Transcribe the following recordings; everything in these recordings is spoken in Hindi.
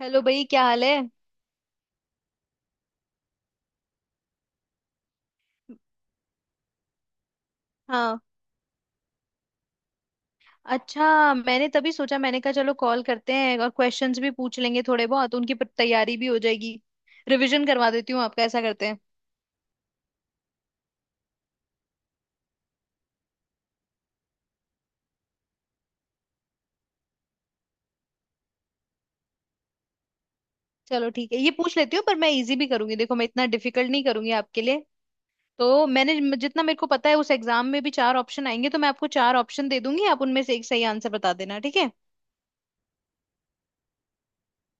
हेलो भाई, क्या हाल है। हाँ। अच्छा, मैंने तभी सोचा, मैंने कहा चलो कॉल करते हैं और क्वेश्चंस भी पूछ लेंगे, थोड़े बहुत उनकी तैयारी भी हो जाएगी। रिवीजन करवा देती हूँ आपका, ऐसा करते हैं। चलो ठीक है, ये पूछ लेती हूँ, पर मैं इजी भी करूंगी। देखो, मैं इतना डिफिकल्ट नहीं करूंगी आपके लिए। तो मैंने जितना मेरे को पता है उस एग्जाम में भी चार ऑप्शन आएंगे, तो मैं आपको चार ऑप्शन दे दूंगी। आप उनमें से एक सही आंसर बता देना, ठीक है।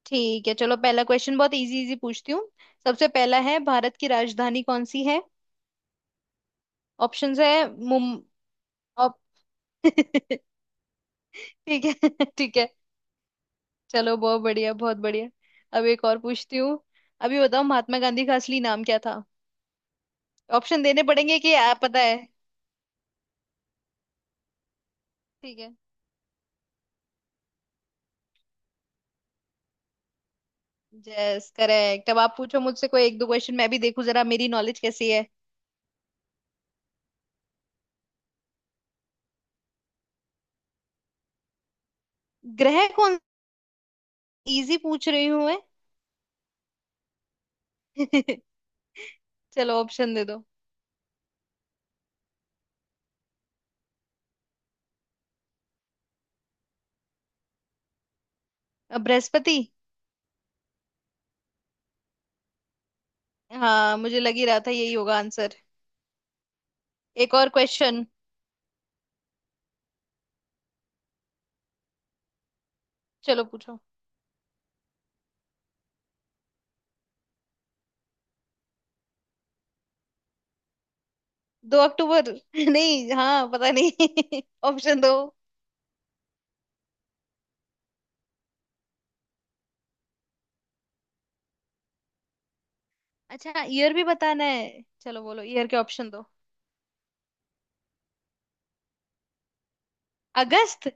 ठीक है, चलो पहला क्वेश्चन बहुत इजी इजी पूछती हूँ। सबसे पहला है, भारत की राजधानी कौन सी है। ऑप्शंस है मुम ऑप ठीक है, ठीक है। चलो, बहुत बढ़िया, बहुत बढ़िया। अब एक और पूछती हूँ। अभी बताओ, महात्मा गांधी का असली नाम क्या था। ऑप्शन देने पड़ेंगे कि आप पता है। ठीक है। यस करेक्ट, अब आप पूछो मुझसे कोई एक दो क्वेश्चन, मैं भी देखूं जरा मेरी नॉलेज कैसी है। ग्रह कौन। इजी पूछ रही हूँ मैं। चलो, ऑप्शन दे दो। अब बृहस्पति। हाँ, मुझे लग ही रहा था यही होगा आंसर। एक और क्वेश्चन। चलो पूछो। दो अक्टूबर नहीं, हाँ, पता नहीं ऑप्शन दो। अच्छा, ईयर भी बताना है, चलो बोलो ईयर के ऑप्शन दो। अगस्त।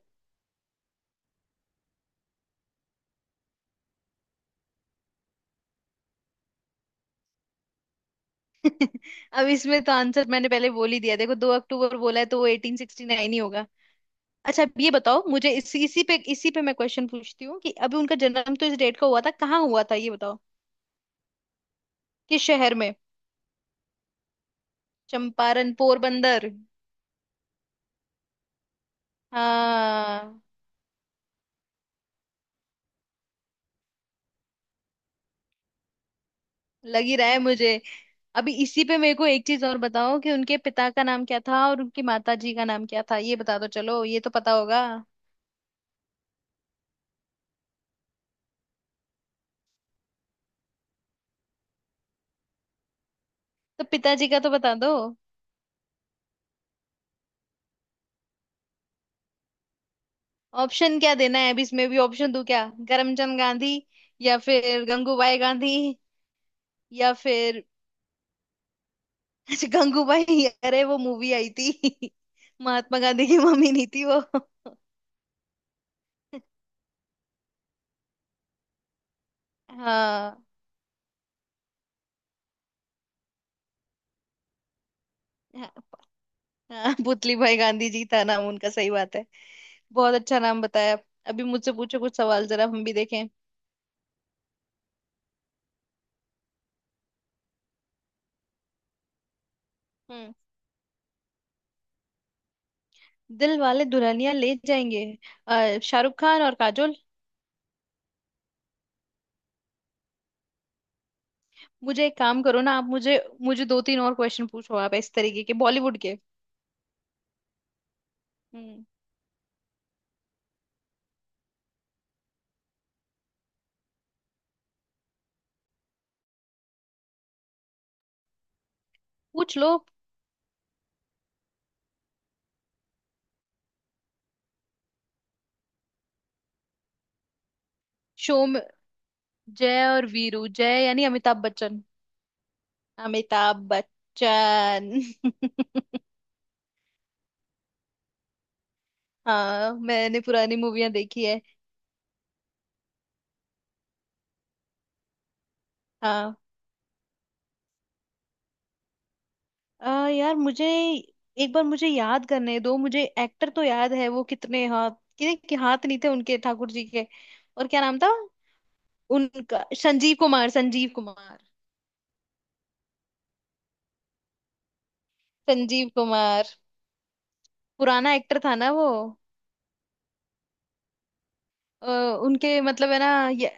अब इसमें तो आंसर मैंने पहले बोल ही दिया, देखो दो अक्टूबर बोला है, तो वो 1869 ही होगा। अच्छा, अब ये बताओ, मुझे इसी इसी पे मैं क्वेश्चन पूछती हूँ कि अभी उनका जन्म तो इस डेट का हुआ था, कहाँ हुआ था ये बताओ। किस शहर में। चंपारण, पोरबंदर। हाँ। लग ही रहा है मुझे। अभी इसी पे मेरे को एक चीज और बताओ कि उनके पिता का नाम क्या था और उनकी माता जी का नाम क्या था, ये बता दो, चलो ये तो पता होगा। तो पिताजी का तो बता दो। ऑप्शन क्या देना है, अभी इसमें भी ऑप्शन दूं क्या, करमचंद गांधी, या फिर गंगूबाई गांधी, या फिर अच्छा, गंगूबाई, अरे वो मूवी आई थी। महात्मा गांधी की मम्मी नहीं थी वो। हाँ, हाँ। हाँ, पुतली भाई गांधी जी था नाम उनका, सही बात है। बहुत अच्छा नाम बताया। अभी मुझसे पूछो कुछ सवाल, जरा हम भी देखें। हम्म। दिल वाले दुल्हनिया ले जाएंगे। शाहरुख खान और काजोल। मुझे एक काम करो ना आप, मुझे मुझे दो तीन और क्वेश्चन पूछो आप इस तरीके के, बॉलीवुड के। हम्म। पूछ लो। शो में जय और वीरू, जय यानी अमिताभ बच्चन। अमिताभ बच्चन। हाँ, मैंने पुरानी मूवियां देखी है। हाँ। यार मुझे एक बार मुझे याद करने दो, मुझे एक्टर तो याद है, वो कितने हाथ, कितने के हाथ नहीं थे उनके, ठाकुर जी के। और क्या नाम था उनका, संजीव कुमार, संजीव कुमार। संजीव कुमार। पुराना एक्टर था ना वो। अ, उनके मतलब है ना ये।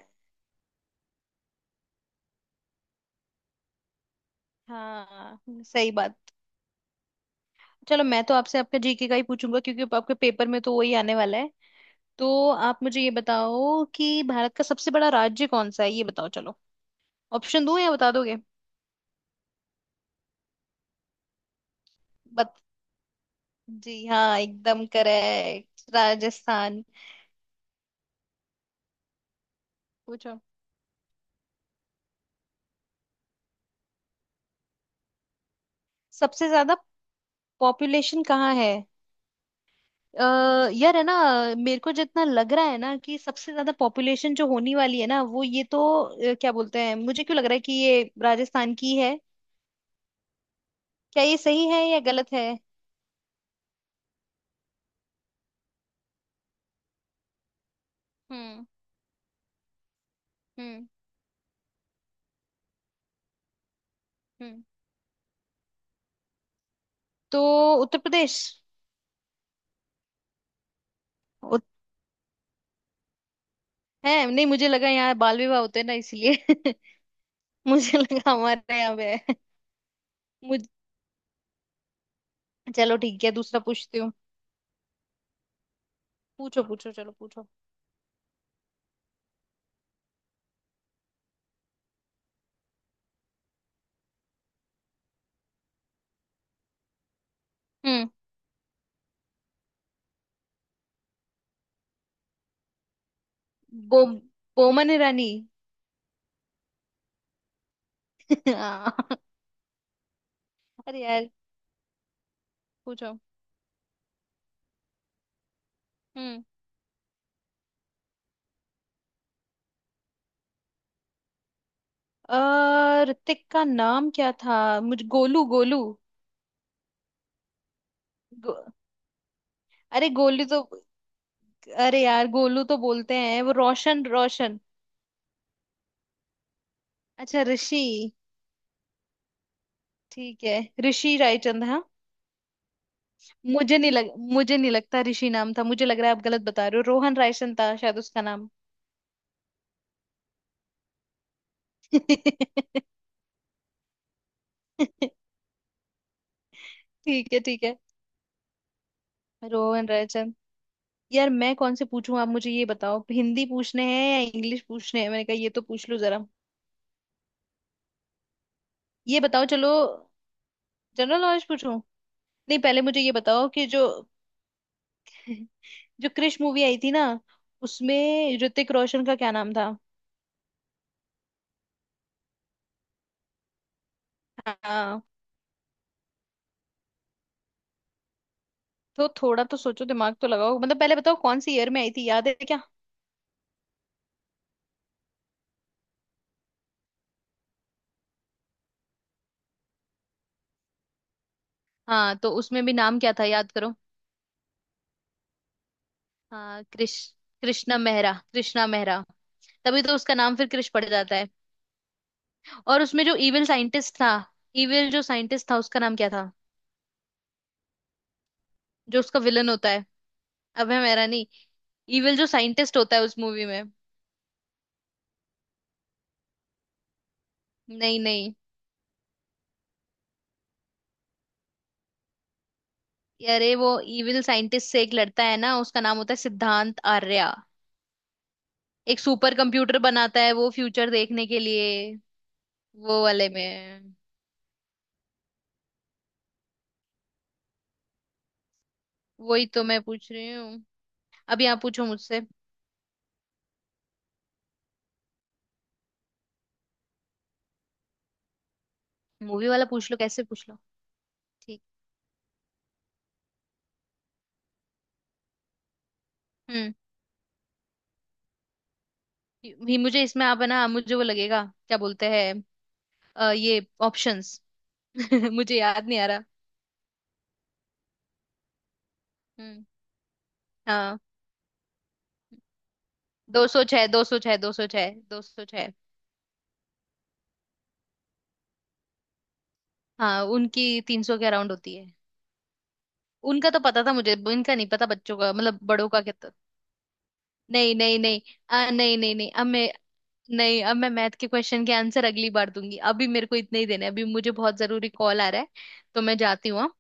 हाँ, सही बात। चलो, मैं तो आपसे आपका जीके का ही पूछूंगा क्योंकि आपके पेपर में तो वही आने वाला है। तो आप मुझे ये बताओ कि भारत का सबसे बड़ा राज्य कौन सा है, ये बताओ चलो। ऑप्शन दूं या बता दोगे। बत... जी हाँ, एकदम करेक्ट, राजस्थान। पूछो। सबसे ज्यादा पॉपुलेशन कहाँ है। अ, यार है ना, मेरे को जितना लग रहा है ना कि सबसे ज्यादा पॉपुलेशन जो होने वाली है ना, वो ये तो क्या बोलते हैं, मुझे क्यों लग रहा है कि ये राजस्थान की है। क्या ये सही है या गलत है। हम्म। हम्म। हम्म। तो उत्तर प्रदेश। उत, है नहीं, मुझे लगा यहाँ बाल विवाह होते हैं ना इसलिए। मुझे लगा हमारे यहाँ पे है। मुझ चलो ठीक है, दूसरा पूछती हूँ। पूछो पूछो, चलो पूछो। हम्म। बो बोमन ईरानी। हाँ। अरे यार, पूछो। हम्म। ऋतिक का नाम क्या था। मुझे गोलू गोलू। गो, अरे गोलू तो, अरे यार, गोलू तो बोलते हैं वो, रोशन रोशन। अच्छा, ऋषि। ठीक है। ऋषि रायचंद, हाँ। मुझे नहीं लगता ऋषि नाम था, मुझे लग रहा है आप गलत बता रहे हो, रोहन रायसन था शायद उसका नाम। ठीक है, ठीक है। रोहन रायचंद। यार मैं कौन से पूछूं, आप मुझे ये बताओ हिंदी पूछने हैं या इंग्लिश पूछने हैं, मैंने कहा ये तो पूछ लो जरा। ये बताओ चलो। जनरल नॉलेज पूछूं। नहीं, पहले मुझे ये बताओ कि जो जो क्रिश मूवी आई थी ना, उसमें ऋतिक रोशन का क्या नाम था। हाँ तो थोड़ा तो सोचो, दिमाग तो लगाओ, मतलब पहले बताओ कौन सी ईयर में आई थी, याद है क्या। हाँ तो उसमें भी नाम क्या था, याद करो। हाँ, कृष। कृष्णा मेहरा, कृष्णा मेहरा। तभी तो उसका नाम फिर कृष पड़ जाता है। और उसमें जो इविल साइंटिस्ट था, इविल जो साइंटिस्ट था उसका नाम क्या था। जो उसका विलन होता है। अभय मेहरा नहीं। इविल जो साइंटिस्ट होता है उस मूवी में। नहीं, नहीं, अरे वो इविल साइंटिस्ट से एक लड़ता है ना, उसका नाम होता है सिद्धांत आर्या। एक सुपर कंप्यूटर बनाता है वो फ्यूचर देखने के लिए। वो वाले में। वही तो मैं पूछ रही हूँ। अब यहाँ पूछो मुझसे। मूवी वाला पूछ लो, कैसे पूछ लो। ठीक। हम्म। मुझे इसमें आप है ना, मुझे वो लगेगा, क्या बोलते हैं। ये ऑप्शंस। मुझे याद नहीं आ रहा। हम्म। हाँ। दो सौ छह, दो सौ छह, दो सौ छह, दो सौ छह। हाँ, उनकी तीन सौ के अराउंड होती है। उनका तो पता था मुझे, इनका नहीं पता, बच्चों का मतलब, बड़ों का कितना। नहीं, नहीं, नहीं। नहीं, नहीं, नहीं, अब मैं नहीं, अब मैं मैथ के क्वेश्चन के आंसर अगली बार दूंगी। अभी मेरे को इतने ही देने हैं। अभी मुझे बहुत जरूरी कॉल आ रहा है, तो मैं जाती हूँ, हाँ?